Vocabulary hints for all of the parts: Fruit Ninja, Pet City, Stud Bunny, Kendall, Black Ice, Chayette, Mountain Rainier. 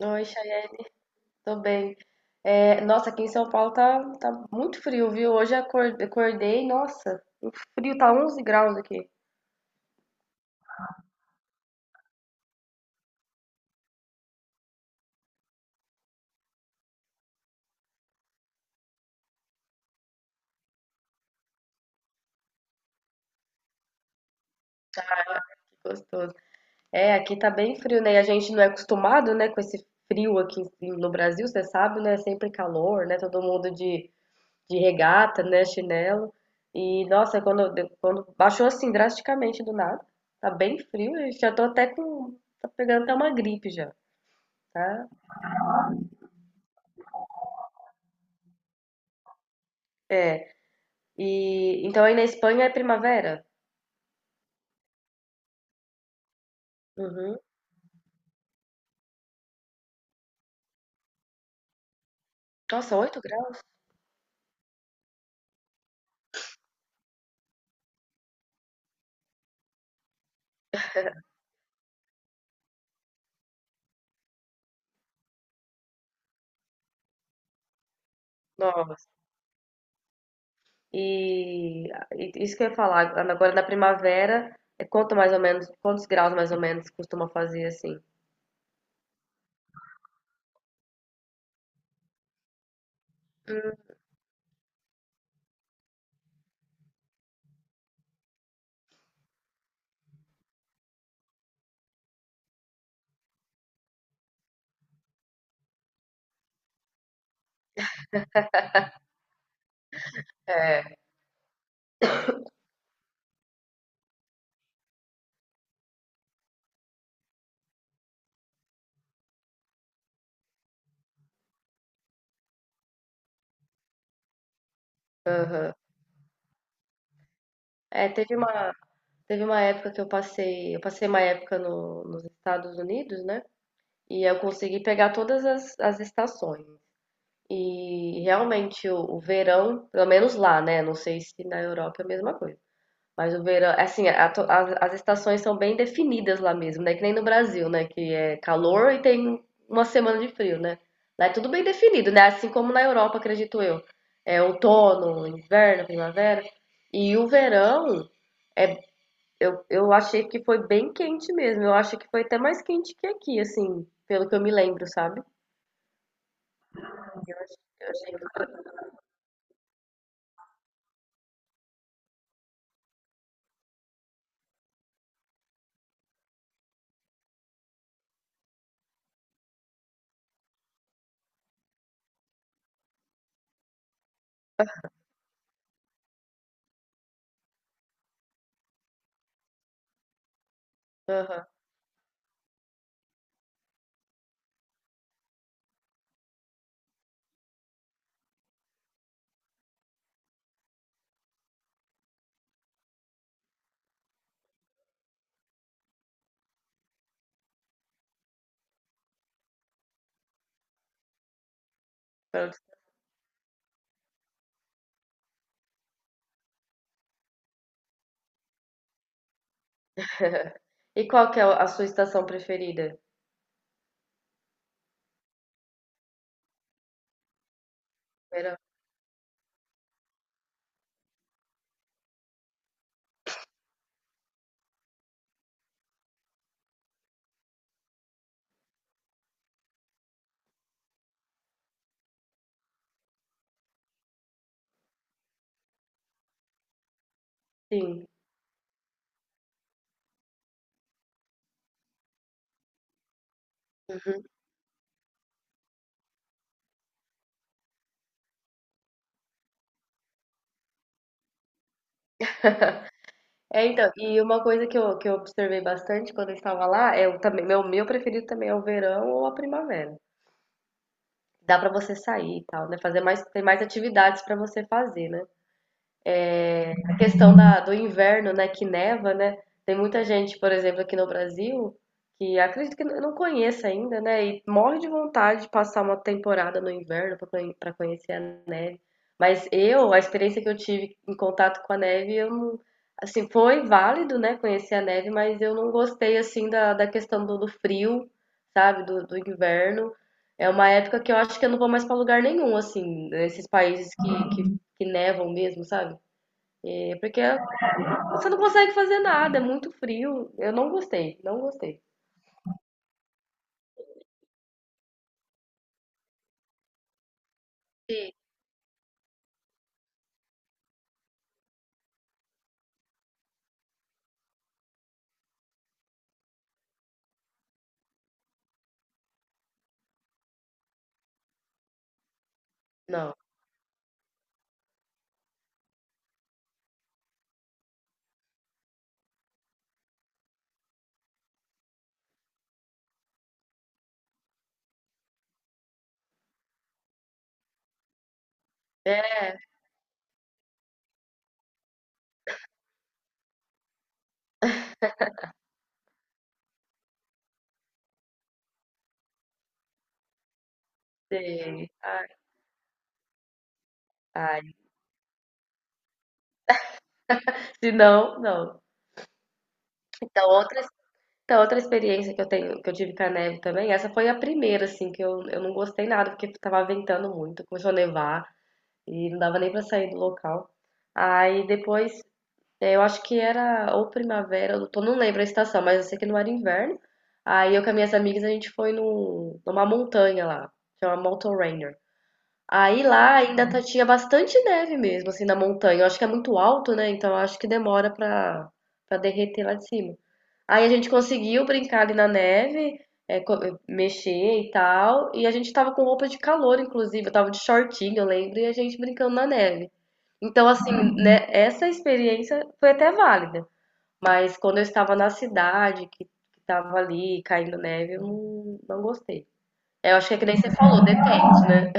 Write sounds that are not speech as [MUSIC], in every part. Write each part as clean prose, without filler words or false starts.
Oi, Chayette, tô bem. Nossa, aqui em São Paulo tá muito frio, viu? Hoje acordei, nossa, o frio tá 11 graus aqui. Gostoso. É, aqui tá bem frio, né? E a gente não é acostumado, né, com esse frio no Brasil, você sabe, né? Sempre calor, né? Todo mundo de regata, né? Chinelo. E, nossa, quando, quando baixou assim drasticamente do nada, tá bem frio, eu já tô até com. Tá pegando até uma gripe já, tá? É. E então aí na Espanha é primavera? Uhum. Nossa, 8 graus? Nossa. E, e isso que eu ia falar, agora na primavera, quanto mais ou menos, quantos graus mais ou menos costuma fazer assim? É, aham. É, teve uma, teve uma época que eu eu passei uma época no, nos Estados Unidos, né? E eu consegui pegar todas as estações. E realmente o verão, pelo menos lá, né? Não sei se na Europa é a mesma coisa. Mas o verão, é assim, as estações são bem definidas lá mesmo, né? Que nem no Brasil, né? Que é calor e tem uma semana de frio, né? Lá é tudo bem definido, né? Assim como na Europa, acredito eu. É outono, inverno, primavera. E o verão, é, eu achei que foi bem quente mesmo. Eu acho que foi até mais quente que aqui, assim, pelo que eu me lembro, sabe? Eu achei que... Aham, pronto. E qual que é a sua estação preferida? Verão. Sim. Uhum. É, então, e uma coisa que eu observei bastante quando eu estava lá é o também meu preferido também é o verão ou a primavera. Dá pra você sair e tal, né? Fazer mais tem mais atividades pra você fazer, né? A questão do inverno, né, que neva, né? Tem muita gente, por exemplo, aqui no Brasil, que acredito que não conheça ainda, né? E morre de vontade de passar uma temporada no inverno pra conhecer a. A experiência que eu tive em contato com a neve, eu não, assim, foi válido, né, conhecer a neve, mas eu não gostei assim da questão do frio, sabe, do inverno. É uma época que eu acho que eu não vou mais para lugar nenhum, assim, nesses países que nevam mesmo, sabe? É porque você não consegue fazer nada, é muito frio. Eu não gostei, não gostei. Não. É, sei. Ai, ai. Se não, não. Então, outras então, outra experiência que eu tenho, que eu tive com a neve também, essa foi a primeira, assim, eu não gostei nada, porque tava ventando muito, começou a nevar e não dava nem pra sair do local. Aí depois, eu acho que era ou primavera, não lembro a estação, mas eu sei que não era inverno. Aí eu com as minhas amigas, a gente foi no, numa montanha lá, chama Mountain Rainier. Aí lá tinha bastante neve mesmo, assim, na montanha. Eu acho que é muito alto, né? Então eu acho que demora pra derreter lá de cima. Aí a gente conseguiu brincar ali na neve, mexer e tal. E a gente tava com roupa de calor, inclusive. Eu tava de shortinho, eu lembro, e a gente brincando na neve. Então, assim, né, essa experiência foi até válida. Mas quando eu estava na cidade, que tava ali caindo neve, eu não, não gostei. É, eu acho que é que nem você falou, depende, né?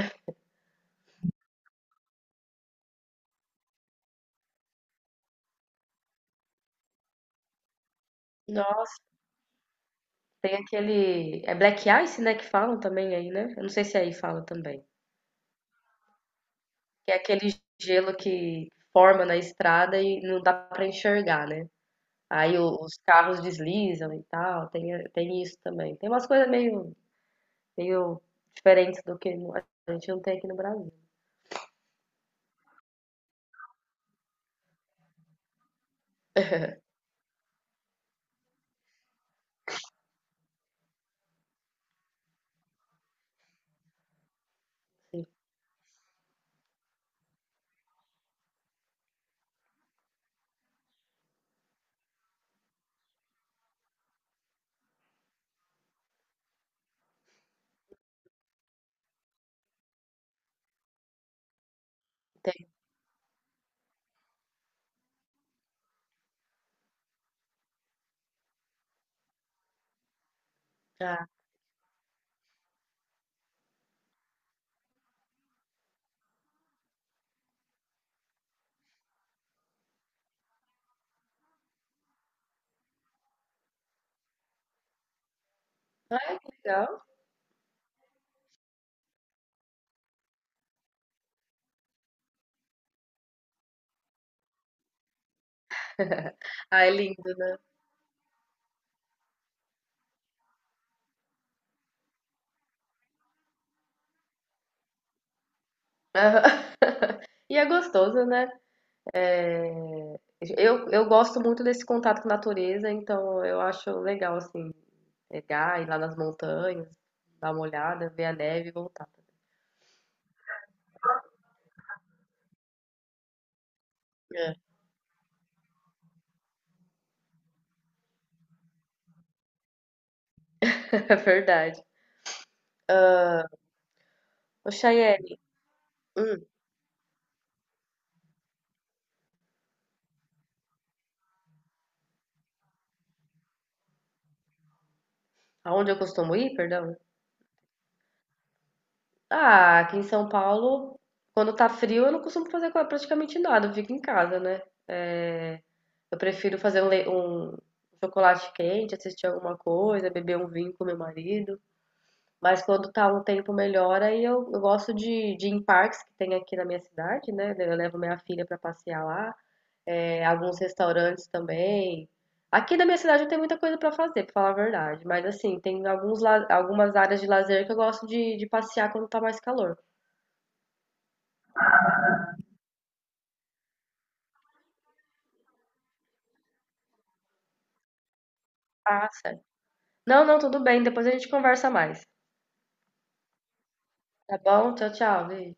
Nossa. Tem aquele. É Black Ice, né? Que falam também aí, né? Eu não sei se aí fala também. Que é aquele gelo que forma na estrada e não dá pra enxergar, né? Os carros deslizam e tal. Tem isso também. Tem umas coisas meio diferentes do que a gente não tem aqui no Brasil. [LAUGHS] Sim, tem. Ah, ah, que legal. [LAUGHS] Ah, é lindo, né? Aham. [LAUGHS] E é gostoso, né? É, eu gosto muito desse contato com a natureza, então eu acho legal, assim, pegar, ir lá nas montanhas, dar uma olhada, ver a neve e voltar. É, [LAUGHS] é verdade. Ô, Chayane, hum, aonde eu costumo ir, perdão? Ah, aqui em São Paulo, quando tá frio, eu não costumo fazer praticamente nada, eu fico em casa, né? É, eu prefiro fazer um chocolate quente, assistir alguma coisa, beber um vinho com meu marido. Mas quando tá um tempo melhor, aí eu gosto de ir em parques que tem aqui na minha cidade, né? Eu levo minha filha pra passear lá, é, alguns restaurantes também. Aqui na minha cidade não tem muita coisa pra fazer, pra falar a verdade. Mas assim, tem alguns, algumas áreas de lazer que eu gosto de passear quando tá mais calor. Ah, sério. Não, não, tudo bem. Depois a gente conversa mais. Tá bom? Tchau, tchau, beijo.